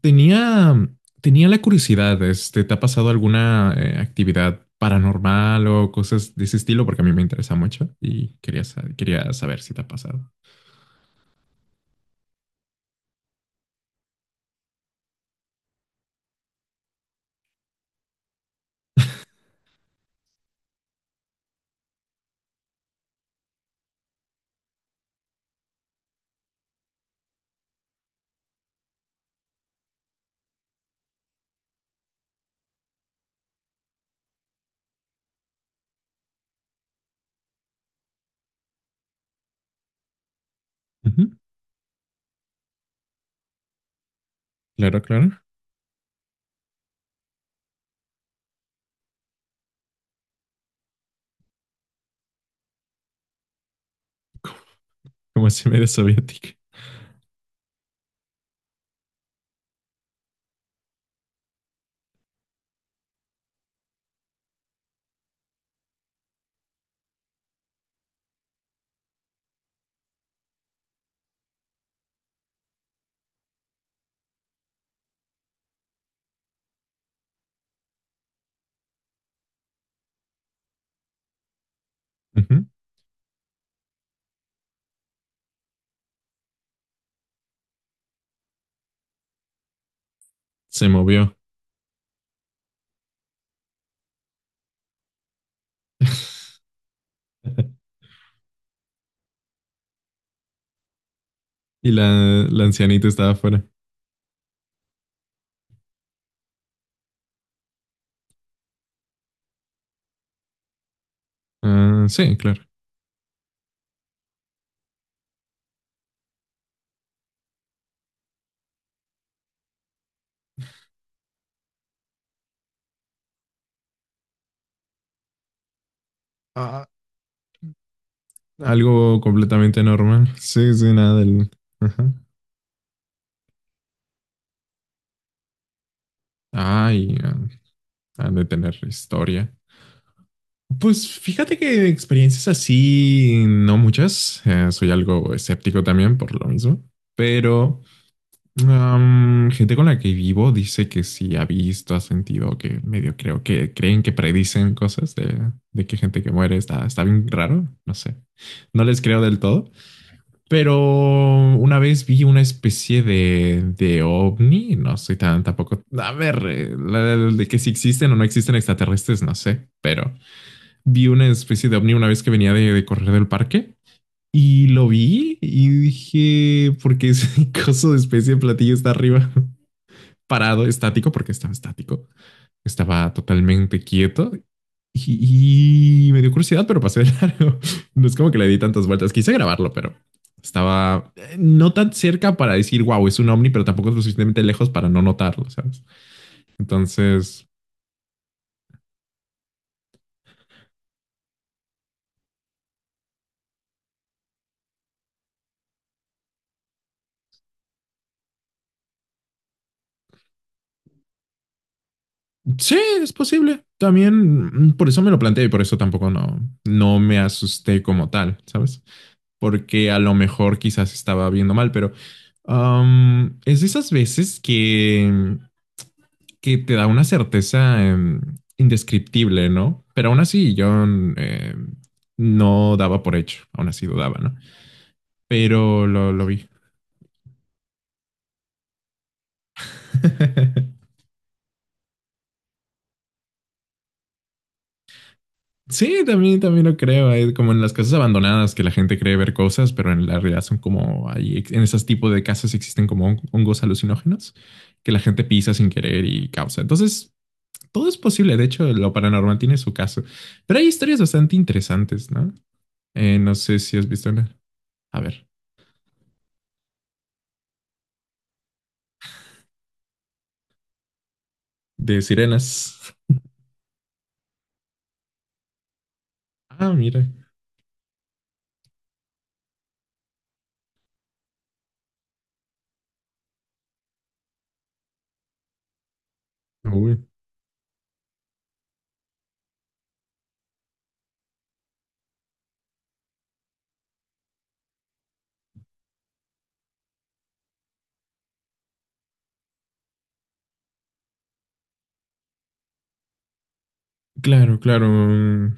Tenía, tenía la curiosidad, ¿te ha pasado alguna actividad paranormal o cosas de ese estilo? Porque a mí me interesa mucho y quería saber si te ha pasado. Ujú. Claro, claro. Como si me era soviética. Ujú. Se movió. Y la ancianita estaba afuera. Ah, sí, claro. Claro. Algo completamente normal. Sí, sí, nada del. Ajá. Ay, ah, han de tener historia. Pues fíjate que experiencias así, no muchas. Soy algo escéptico también por lo mismo. Pero gente con la que vivo dice que sí ha visto, ha sentido que medio creo que creen que predicen cosas de que gente que muere está, está bien raro. No sé. No les creo del todo. Pero una vez vi una especie de ovni, no soy tan tampoco, a ver, de que si existen o no existen extraterrestres, no sé, pero vi una especie de ovni una vez que venía de correr del parque y lo vi y dije, porque ese coso de especie de platillo está arriba, parado, estático, porque estaba estático, estaba totalmente quieto y me dio curiosidad, pero pasé de largo. No es como que le di tantas vueltas. Quise grabarlo, pero estaba no tan cerca para decir, wow, es un ovni, pero tampoco es lo suficientemente lejos para no notarlo, ¿sabes? Entonces, sí, es posible. También por eso me lo planteé y por eso tampoco no, no me asusté como tal, ¿sabes? Porque a lo mejor quizás estaba viendo mal, pero es de esas veces que te da una certeza indescriptible, ¿no? Pero aún así, yo eh, no daba por hecho, aún así dudaba, ¿no? Pero lo vi. Sí, también, también lo creo. Hay como en las casas abandonadas que la gente cree ver cosas, pero en la realidad son como ahí, en esos tipos de casas existen como hongos alucinógenos que la gente pisa sin querer y causa. Entonces, todo es posible. De hecho, lo paranormal tiene su caso. Pero hay historias bastante interesantes, ¿no? No sé si has visto una. A ver. De sirenas. Ah, mira. Uy, claro, claro.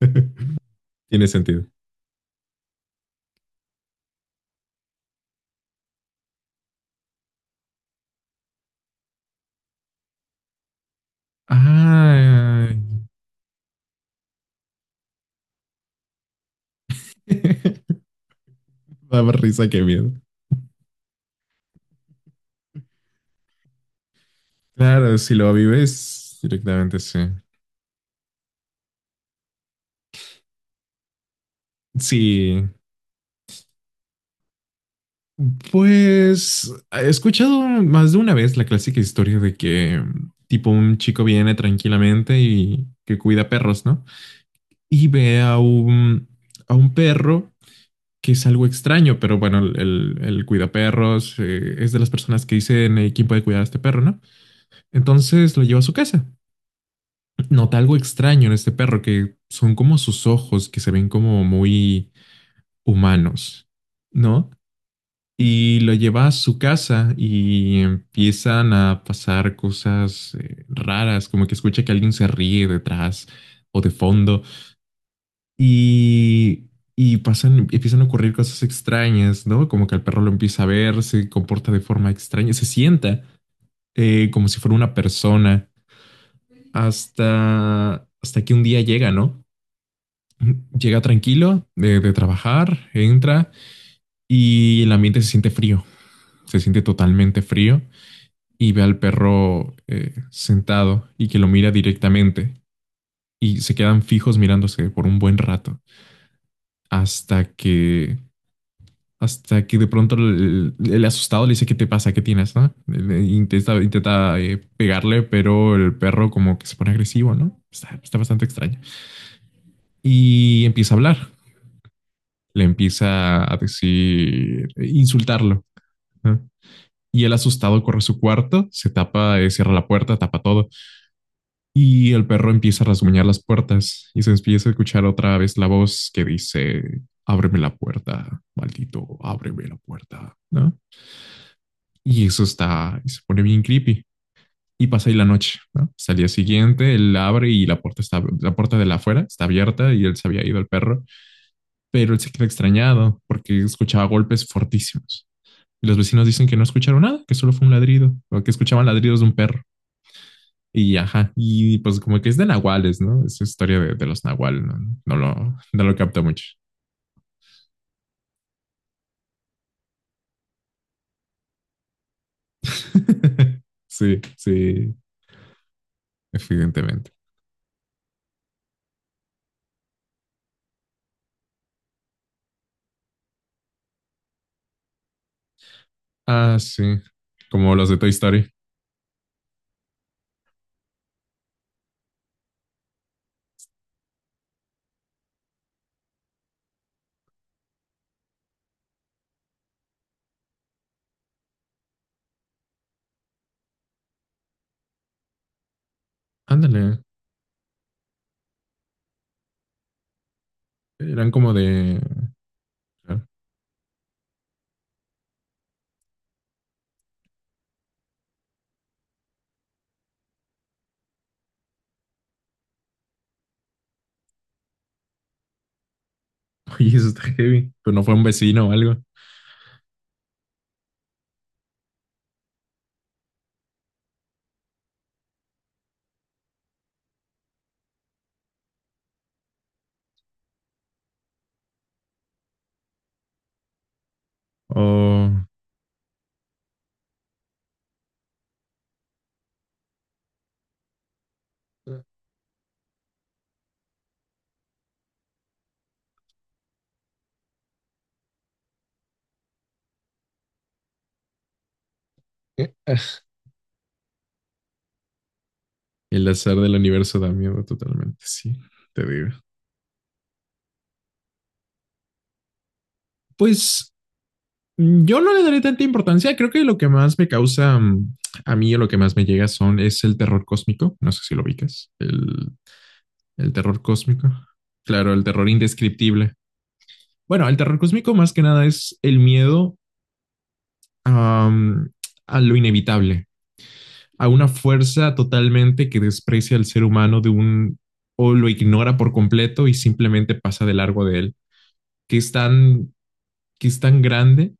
Tiene sentido. Ah, daba risa, qué miedo. Claro, si lo vives directamente, sí. Sí, pues he escuchado más de una vez la clásica historia de que tipo un chico viene tranquilamente y que cuida perros, ¿no? Y ve a a un perro que es algo extraño, pero bueno, el cuidaperros es de las personas que dicen quién puede cuidar a este perro, ¿no? Entonces lo lleva a su casa. Nota algo extraño en este perro, que son como sus ojos, que se ven como muy humanos, ¿no? Y lo lleva a su casa y empiezan a pasar cosas raras, como que escucha que alguien se ríe detrás o de fondo. Y, y pasan, empiezan a ocurrir cosas extrañas, ¿no? Como que el perro lo empieza a ver, se comporta de forma extraña, se sienta como si fuera una persona, hasta, hasta que un día llega, ¿no? Llega tranquilo de trabajar, entra y el ambiente se siente frío, se siente totalmente frío y ve al perro sentado y que lo mira directamente y se quedan fijos mirándose por un buen rato hasta que hasta que de pronto el asustado le dice, ¿qué te pasa? ¿Qué tienes? ¿No? Le intenta, intenta pegarle, pero el perro como que se pone agresivo, ¿no? Está, está bastante extraño. Y empieza a hablar, le empieza a decir, insultarlo, ¿no? Y el asustado corre a su cuarto, se tapa, cierra la puerta, tapa todo. Y el perro empieza a rasguñar las puertas y se empieza a escuchar otra vez la voz que dice, ábreme la puerta, maldito, ábreme la puerta, ¿no? Y eso está, se pone bien creepy. Y pasa ahí la noche, ¿no? Hasta el día siguiente, él abre y la puerta, está, la puerta de la afuera está abierta y él se había ido el perro, pero él se queda extrañado porque escuchaba golpes fortísimos. Y los vecinos dicen que no escucharon nada, que solo fue un ladrido, o que escuchaban ladridos de un perro. Y ajá, y pues como que es de nahuales, ¿no? Es historia de los nahuales, ¿no? No lo, no lo capta mucho. sí, sí, evidentemente. Ah, sí, como los de Toy Story. Ándale. Eran como de. Oye, eso está heavy. Pero no fue un vecino o algo. O el azar del universo da miedo totalmente. Sí, te digo. Pues yo no le daré tanta importancia. Creo que lo que más me causa a mí o lo que más me llega son es el terror cósmico. No sé si lo ubicas. El terror cósmico. Claro, el terror indescriptible. Bueno, el terror cósmico más que nada es el miedo a a lo inevitable, a una fuerza totalmente que desprecia al ser humano de un o lo ignora por completo y simplemente pasa de largo de él, que es tan, que es tan grande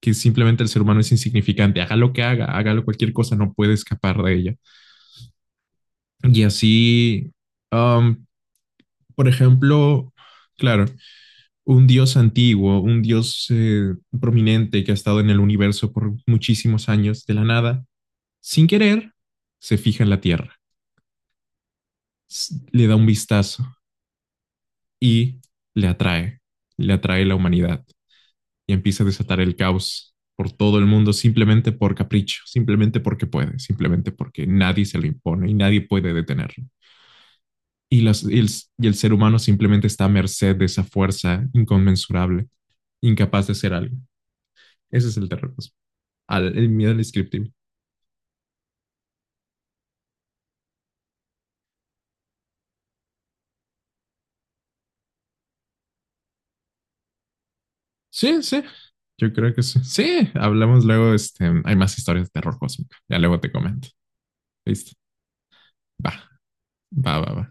que simplemente el ser humano es insignificante, haga lo que haga, hágalo cualquier cosa, no puede escapar de ella. Y así, um, por ejemplo, claro, un dios antiguo, un dios prominente que ha estado en el universo por muchísimos años, de la nada, sin querer, se fija en la Tierra, le da un vistazo y le atrae, le atrae la humanidad y empieza a desatar el caos por todo el mundo simplemente por capricho, simplemente porque puede, simplemente porque nadie se lo impone y nadie puede detenerlo. Y, las, y el ser humano simplemente está a merced de esa fuerza inconmensurable, incapaz de hacer algo. Ese es el terrorismo, al, el miedo al descriptivo. Sí, sí, yo creo que sí. Sí, hablamos luego, este, hay más historias de terror cósmico. Ya luego te comento. Listo. Va, va, va, va.